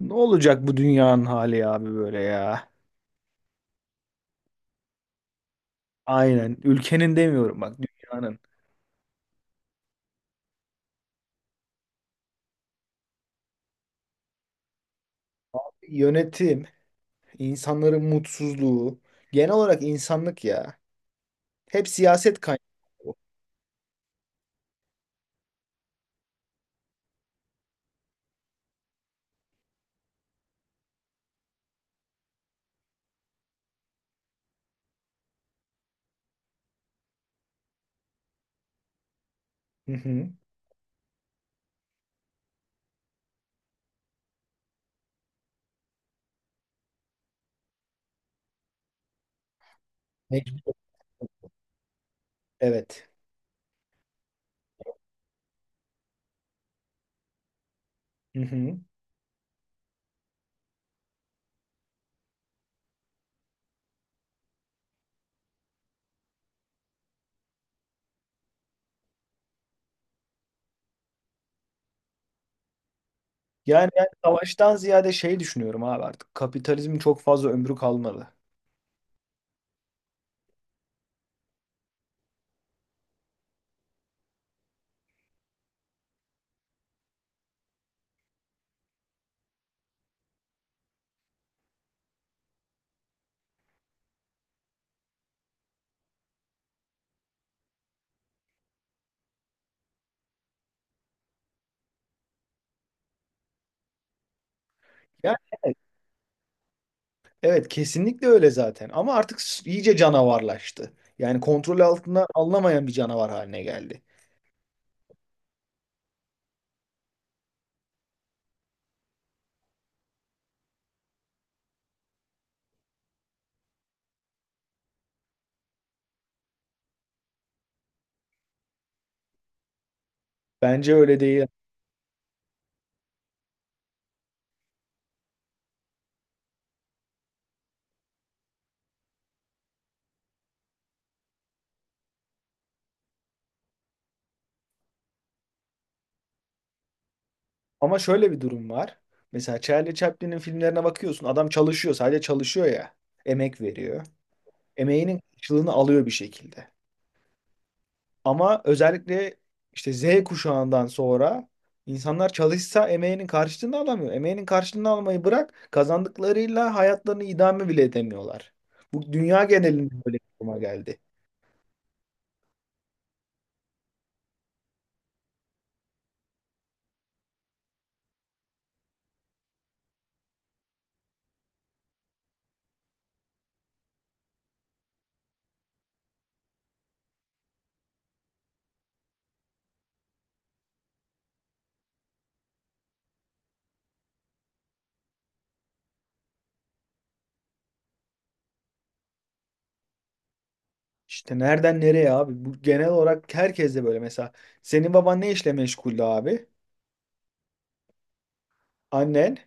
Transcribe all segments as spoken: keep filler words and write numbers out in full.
Ne olacak bu dünyanın hali abi böyle ya? Aynen. Ülkenin demiyorum, bak, dünyanın. Yönetim, insanların mutsuzluğu, genel olarak insanlık ya. Hep siyaset kaynağı. Bu. Hı hı. Mecbur. Evet. Hı hı. Yani ben savaştan ziyade şey düşünüyorum abi artık. Kapitalizmin çok fazla ömrü kalmadı. Yani evet. Evet, kesinlikle öyle zaten ama artık s- iyice canavarlaştı. Yani kontrol altına alınamayan bir canavar haline geldi. Bence öyle değil. Ama şöyle bir durum var. Mesela Charlie Chaplin'in filmlerine bakıyorsun. Adam çalışıyor, sadece çalışıyor ya. Emek veriyor. Emeğinin karşılığını alıyor bir şekilde. Ama özellikle işte Z kuşağından sonra insanlar çalışsa emeğinin karşılığını alamıyor. Emeğinin karşılığını almayı bırak, kazandıklarıyla hayatlarını idame bile edemiyorlar. Bu dünya genelinde böyle bir duruma geldi. İşte nereden nereye abi? Bu genel olarak herkes de böyle. Mesela senin baban ne işle meşguldü abi? Annen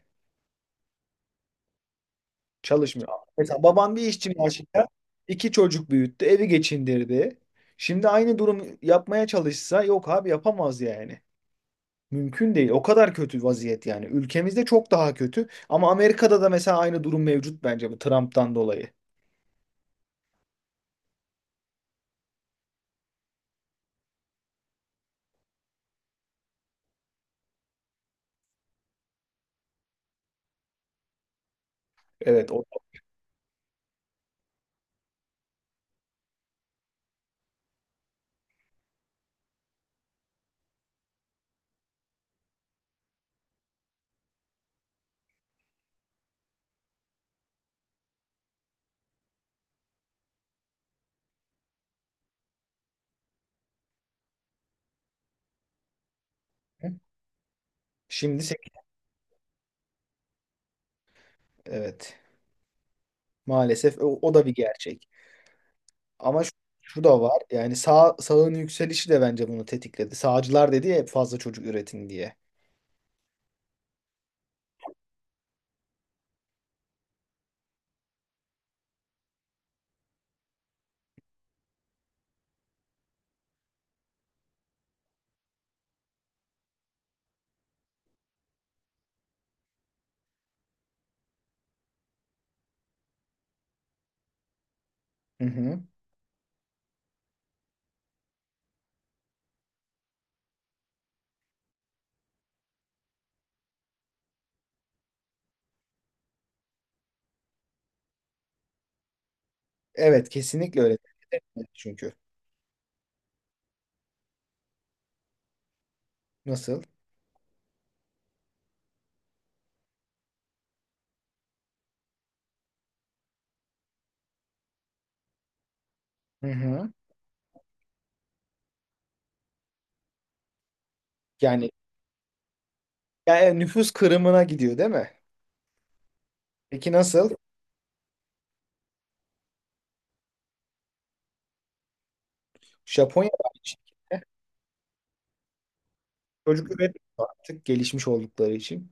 çalışmıyor. Mesela baban bir işçi maaşıyla iki çocuk büyüttü, evi geçindirdi. Şimdi aynı durum yapmaya çalışsa yok abi, yapamaz yani. Mümkün değil. O kadar kötü vaziyet yani. Ülkemizde çok daha kötü. Ama Amerika'da da mesela aynı durum mevcut bence bu Trump'tan dolayı. Evet, o şimdi sekiz. Evet. Maalesef o, o da bir gerçek. Ama şu, şu da var. Yani sağ sağın yükselişi de bence bunu tetikledi. Sağcılar dedi ya hep fazla çocuk üretin diye. Hı hı. Evet, kesinlikle öyle. Çünkü nasıl? Hı hı. Yani, yani nüfus kırımına gidiyor değil mi? Peki nasıl? Japonya çocuk üretmiyor artık gelişmiş oldukları için.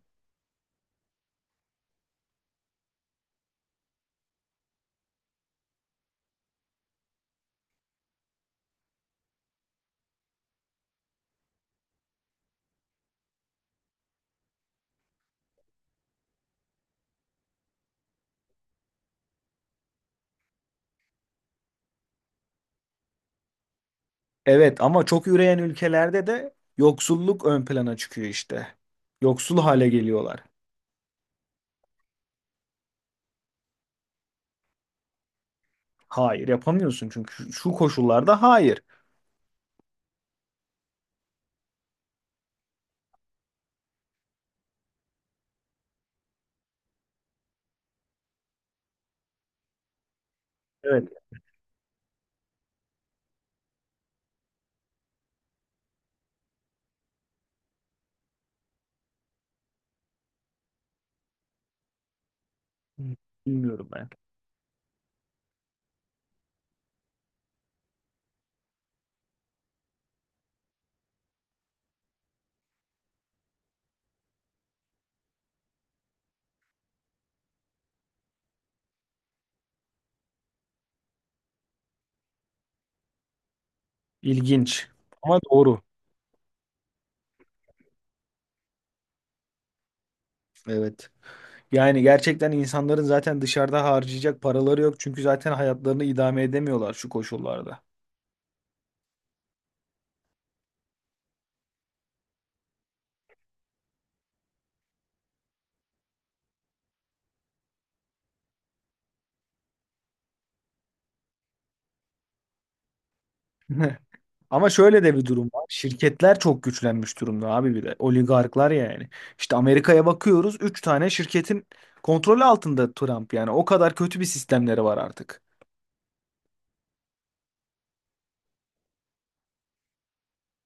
Evet ama çok üreyen ülkelerde de yoksulluk ön plana çıkıyor işte. Yoksul hale geliyorlar. Hayır, yapamıyorsun çünkü şu koşullarda hayır. Evet. Bilmiyorum ben. İlginç ama doğru. Evet. Yani gerçekten insanların zaten dışarıda harcayacak paraları yok. Çünkü zaten hayatlarını idame edemiyorlar şu koşullarda. Ama şöyle de bir durum var. Şirketler çok güçlenmiş durumda abi bir de. Oligarklar yani. İşte Amerika'ya bakıyoruz. Üç tane şirketin kontrolü altında Trump yani. O kadar kötü bir sistemleri var artık.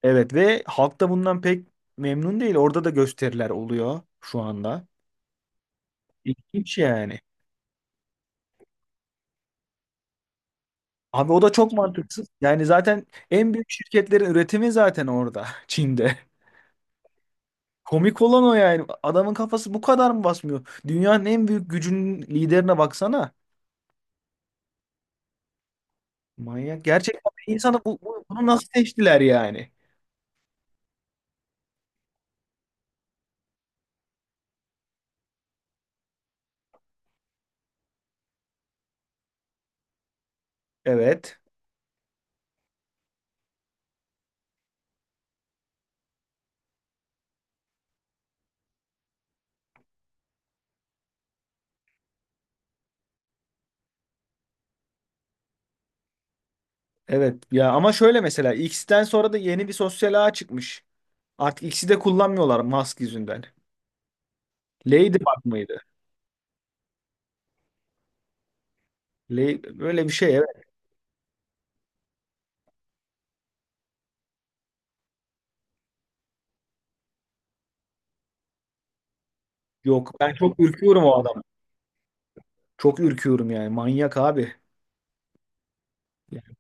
Evet ve halk da bundan pek memnun değil. Orada da gösteriler oluyor şu anda. İlginç yani. Abi o da çok mantıksız. Yani zaten en büyük şirketlerin üretimi zaten orada. Çin'de. Komik olan o yani. Adamın kafası bu kadar mı basmıyor? Dünyanın en büyük gücünün liderine baksana. Manyak. Gerçekten bir insanı bu, bu- bunu nasıl seçtiler yani? Evet. Evet. Ya ama şöyle mesela X'ten sonra da yeni bir sosyal ağ çıkmış. Artık X'i de kullanmıyorlar Musk yüzünden. Ladybug mıydı? Lay- Böyle bir şey evet. Yok. Ben çok ürküyorum o adam. Çok ürküyorum yani. Manyak abi. Yani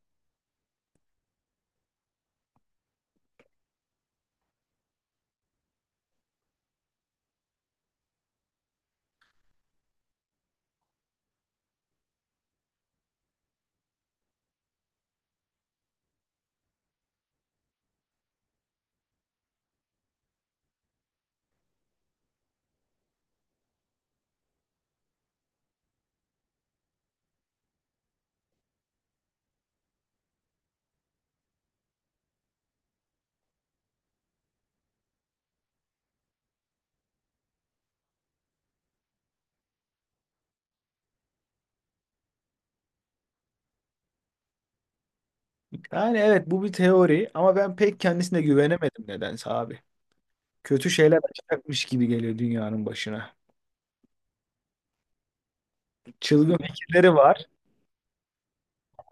Yani evet, bu bir teori ama ben pek kendisine güvenemedim nedense abi. Kötü şeyler açacakmış gibi geliyor dünyanın başına. Çılgın fikirleri var.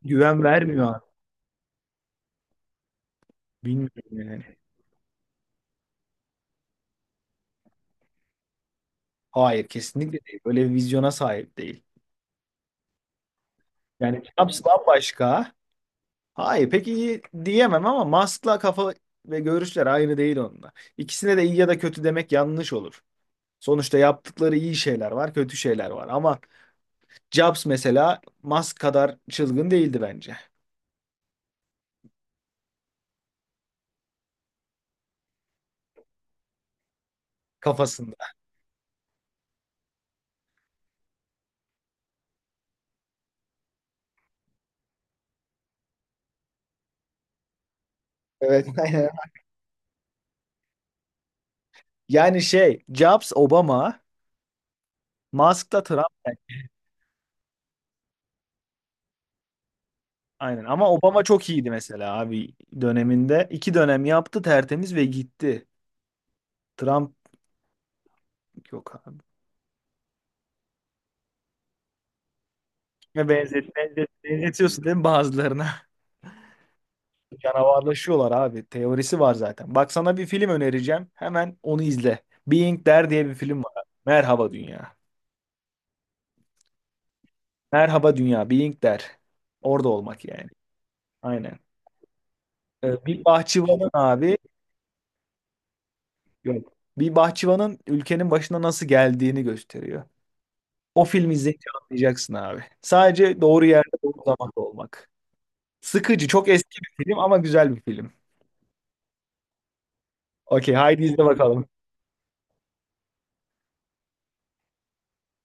Güven vermiyor abi. Bilmiyorum yani. Hayır, kesinlikle değil. Böyle bir vizyona sahip değil. Yani Schnaps bambaşka. Hayır pek iyi diyemem ama Musk'la kafa ve görüşler aynı değil onunla. İkisine de iyi ya da kötü demek yanlış olur. Sonuçta yaptıkları iyi şeyler var, kötü şeyler var. Ama Jobs mesela Musk kadar çılgın değildi bence kafasında. Evet. Yani şey Jobs Obama, Musk da Trump. Aynen ama Obama çok iyiydi mesela abi döneminde. İki dönem yaptı tertemiz ve gitti. Trump yok abi. Ve benzet, benzet, benzetiyorsun değil mi bazılarına? Canavarlaşıyorlar abi. Teorisi var zaten. Bak, sana bir film önereceğim. Hemen onu izle. Being Der diye bir film var. Merhaba Dünya. Merhaba Dünya. Being Der. Orada olmak yani. Aynen. Ee, bir bahçıvanın abi yok. Bir bahçıvanın ülkenin başına nasıl geldiğini gösteriyor. O filmi izleyince anlayacaksın abi. Sadece doğru yerde doğru zamanda olmak. Sıkıcı. Çok eski bir film ama güzel bir film. Okey, haydi izle bakalım.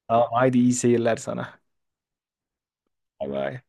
Tamam, haydi iyi seyirler sana. Bay bay.